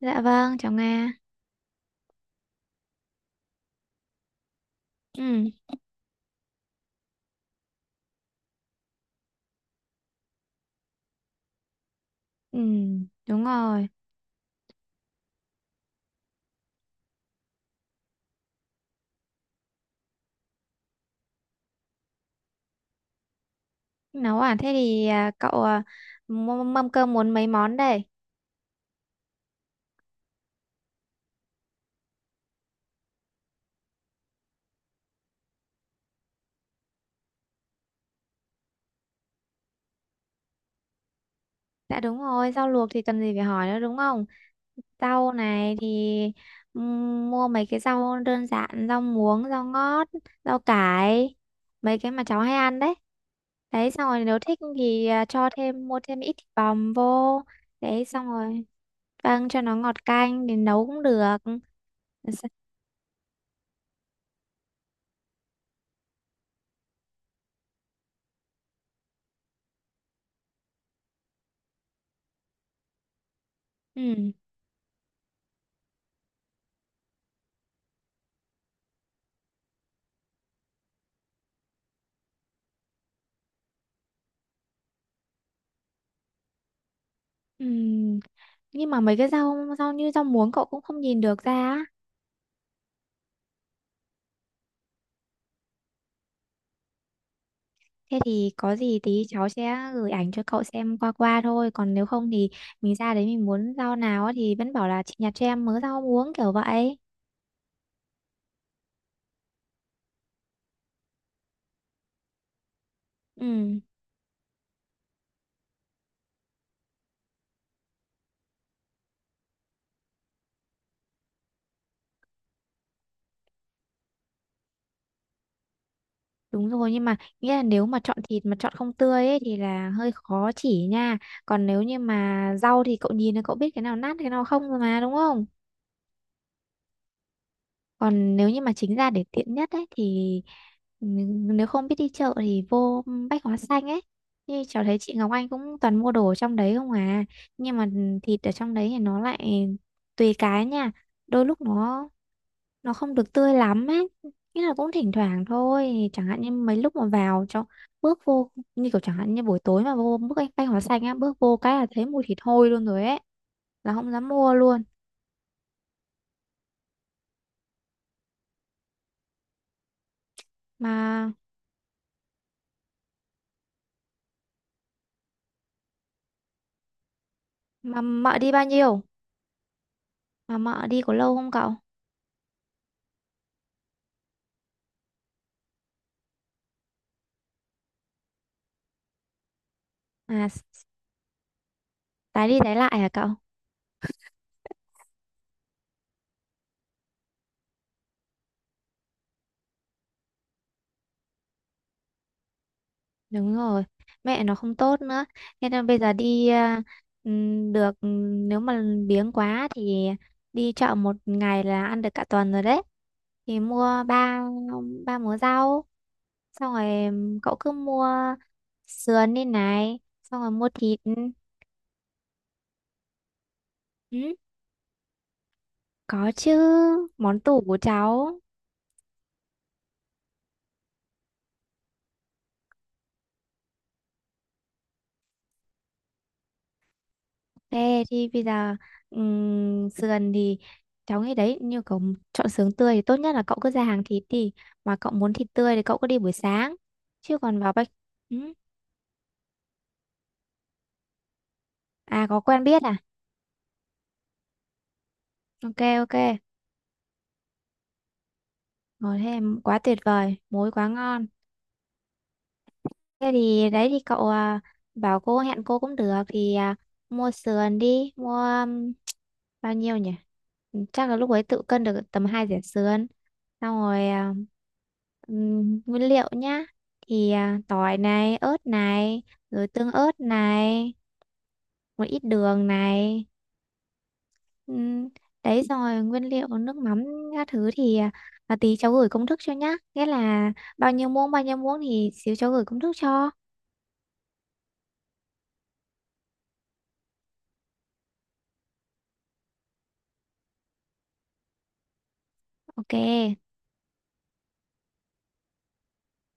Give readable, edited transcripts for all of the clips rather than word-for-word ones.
Dạ vâng, cháu Nga. Ừ, ừ, đúng rồi. Nấu à? Thế thì à, cậu à, mâm mâm cơm muốn mấy món đây? Dạ đúng rồi, rau luộc thì cần gì phải hỏi nữa đúng không? Rau này thì mua mấy cái rau đơn giản, rau muống, rau ngót, rau cải, mấy cái mà cháu hay ăn đấy. Đấy, xong rồi nếu thích thì cho thêm, mua thêm ít thịt bòm vô. Đấy, xong rồi. Vâng, cho nó ngọt canh để nấu cũng được. Ừ. Ừ. Nhưng mà mấy cái rau rau như rau muống cậu cũng không nhìn được ra á. Thế thì có gì tí cháu sẽ gửi ảnh cho cậu xem qua qua thôi, còn nếu không thì mình ra đấy mình muốn rau nào á thì vẫn bảo là chị nhặt cho em mớ rau muống kiểu vậy. Ừ đúng rồi, nhưng mà nghĩa là nếu mà chọn thịt mà chọn không tươi ấy thì là hơi khó chỉ nha. Còn nếu như mà rau thì cậu nhìn là cậu biết cái nào nát cái nào không rồi mà đúng không. Còn nếu như mà chính ra để tiện nhất ấy thì nếu không biết đi chợ thì vô Bách Hóa Xanh ấy, như cháu thấy chị Ngọc Anh cũng toàn mua đồ ở trong đấy không à. Nhưng mà thịt ở trong đấy thì nó lại tùy cái nha, đôi lúc nó không được tươi lắm ấy, nghĩa là cũng thỉnh thoảng thôi. Chẳng hạn như mấy lúc mà vào cho bước vô như kiểu chẳng hạn như buổi tối mà vô bước Bách Hóa Xanh á, bước vô cái là thấy mùi thịt hôi luôn rồi ấy, là không dám mua luôn. Mà mà mợ đi bao nhiêu? Mà mợ đi có lâu không cậu? À, tái đi tái lại hả cậu? Đúng rồi, mẹ nó không tốt nữa. Thế nên bây giờ đi được, nếu mà biếng quá thì đi chợ một ngày là ăn được cả tuần rồi đấy. Thì mua ba ba múa rau, xong rồi cậu cứ mua sườn đi này, xong rồi mua thịt. Ừ, có chứ, món tủ của cháu. Thế thì bây giờ sườn thì cháu nghĩ đấy như cậu chọn sườn tươi thì tốt nhất là cậu cứ ra hàng thịt đi, mà cậu muốn thịt tươi thì cậu cứ đi buổi sáng, chứ còn vào bách. Ừ. À có quen biết à? Ok, ok rồi. Thế quá tuyệt vời, muối quá ngon. Thế thì đấy thì cậu à, bảo cô hẹn cô cũng được thì mua sườn đi, mua um, bao nhiêu nhỉ? Ừ, chắc là lúc ấy tự cân được tầm 2 dẻ sườn, xong rồi nguyên liệu nhá, thì tỏi này ớt này, rồi tương ớt này, một ít đường này. ừm, Đấy, xong rồi nguyên liệu nước mắm các thứ thì tí cháu gửi công thức cho nhá, nghĩa là bao nhiêu muỗng thì xíu cháu gửi công thức cho. Ok.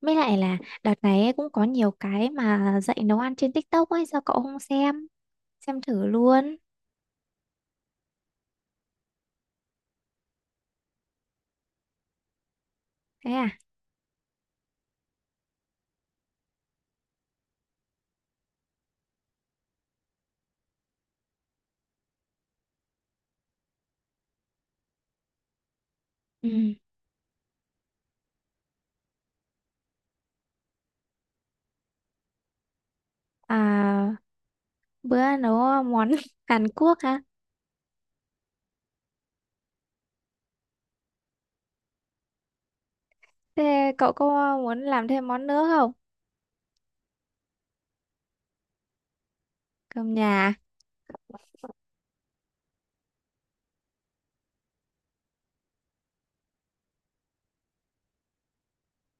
Mới lại là đợt này ấy cũng có nhiều cái mà dạy nấu ăn trên TikTok ấy, sao cậu không xem? Xem thử luôn. Thế à? Ừ. À, bữa nấu món Hàn Quốc hả? Thế cậu có muốn làm thêm món nữa không? Cơm nhà.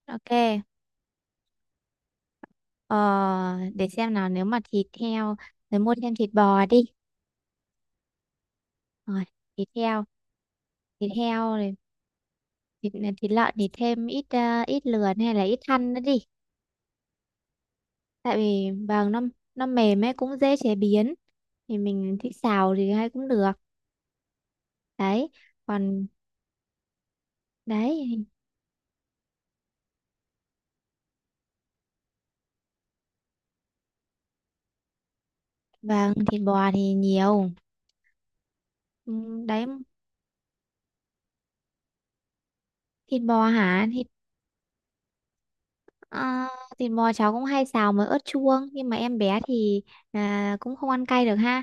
Ok. Ờ, để xem nào, nếu mà thịt heo, rồi mua thêm thịt bò đi. Rồi, thịt heo, thịt heo rồi thịt, thịt lợn thì thêm ít ít lườn hay là ít thăn nữa đi. Tại vì vàng nó mềm ấy cũng dễ chế biến, thì mình thích xào thì hay cũng được. Đấy, còn đấy vàng thịt bò thì nhiều. Ừ, đấy thịt bò hả thịt ờ, thịt bò cháu cũng hay xào với ớt chuông, nhưng mà em bé thì cũng không ăn cay được ha.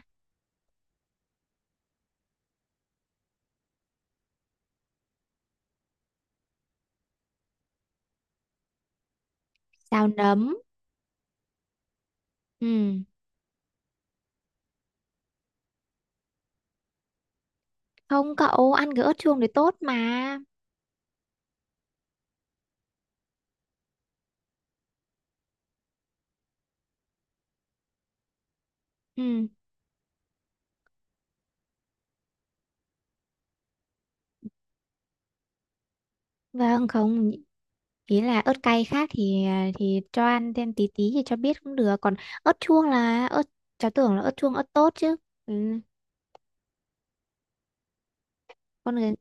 Xào nấm. Ừ không cậu ăn cái ớt chuông thì tốt mà. Ừ vâng không, ý là ớt cay khác thì thì cho ăn thêm tí tí thì cho biết cũng được, còn ớt chuông là ớt, cháu tưởng là ớt chuông ớt tốt chứ. Ừ. con người-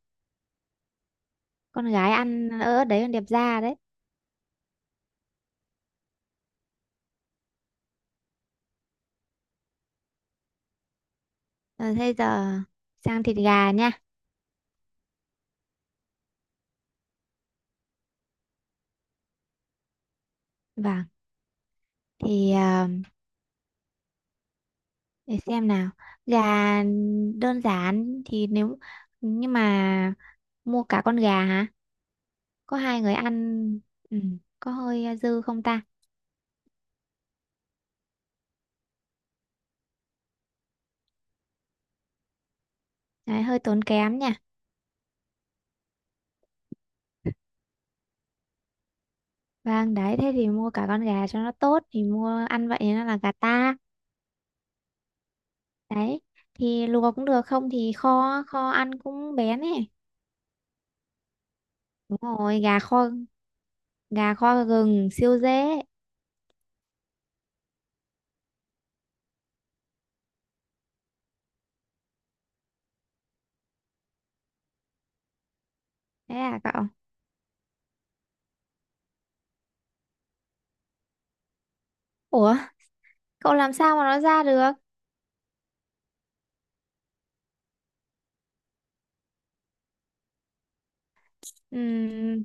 con gái ăn ớt đấy còn đẹp da đấy. Ờ, thế giờ sang thịt gà nha. Vâng, thì để xem nào, gà đơn giản thì nếu nhưng mà mua cả con gà hả? Có hai người ăn. Ừ. Có hơi dư không ta? Đấy, hơi tốn kém nha. Vâng, đấy, thế thì mua cả con gà cho nó tốt thì mua ăn vậy, nó là gà ta. Đấy, thì luộc cũng được không thì kho, kho ăn cũng bén ấy. Đúng rồi, gà kho gừng siêu dễ. Thế à cậu? Ủa, cậu làm sao mà nó ra được? Ừm,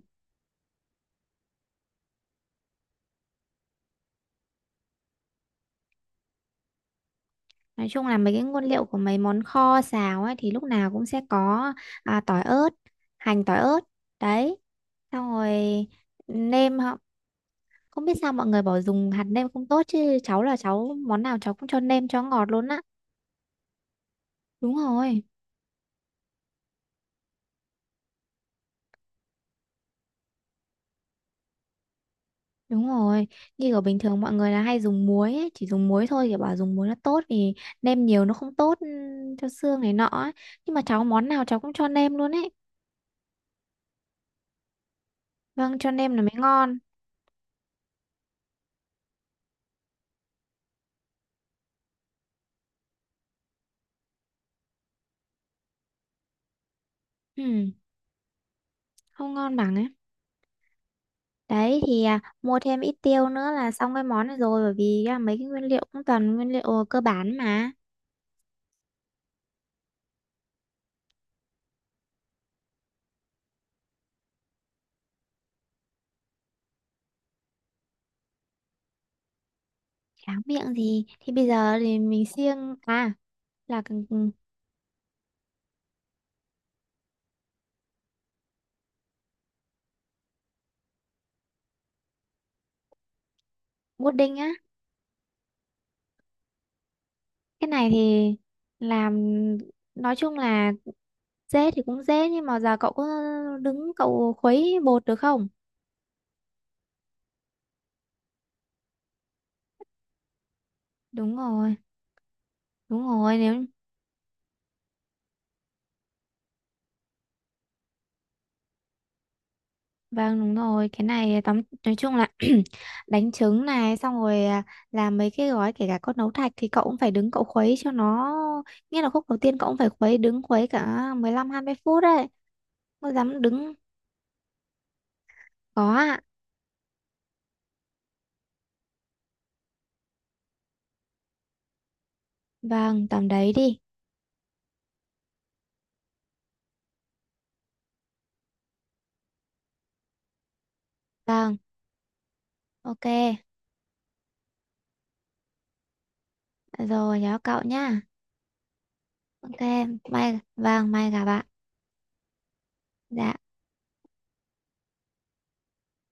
nói chung là mấy cái nguyên liệu của mấy món kho xào ấy thì lúc nào cũng sẽ có tỏi ớt, hành tỏi ớt. Đấy, xong rồi nêm. Không biết sao mọi người bảo dùng hạt nêm không tốt, chứ cháu là cháu món nào cháu cũng cho nêm cho ngọt luôn á. Đúng rồi, đúng rồi. Như ở bình thường mọi người là hay dùng muối ấy, chỉ dùng muối thôi, kiểu bảo dùng muối nó tốt vì nêm nhiều nó không tốt, cho xương này nọ ấy. Nhưng mà cháu món nào cháu cũng cho nêm luôn ấy. Vâng, cho nêm là mới ngon. Ừ, không ngon bằng ấy. Đấy thì mua thêm ít tiêu nữa là xong cái món này rồi, bởi vì mấy cái nguyên liệu cũng toàn nguyên liệu cơ bản mà. Tráng miệng thì bây giờ thì mình siêng à là pudding á? Cái này thì làm nói chung là dễ thì cũng dễ, nhưng mà giờ cậu có đứng cậu khuấy bột được không? Đúng rồi, đúng rồi, nếu vâng đúng rồi cái này tóm nói chung là đánh trứng này, xong rồi làm mấy cái gói kể cả con nấu thạch thì cậu cũng phải đứng cậu khuấy cho nó, nghĩa là khúc đầu tiên cậu cũng phải khuấy đứng khuấy cả 15-20 phút đấy mới dám đứng. Có ạ. Vâng tầm đấy đi. Vâng, ok rồi nhớ cậu nhá. Ok, mai vâng, mai gặp bạn. Dạ.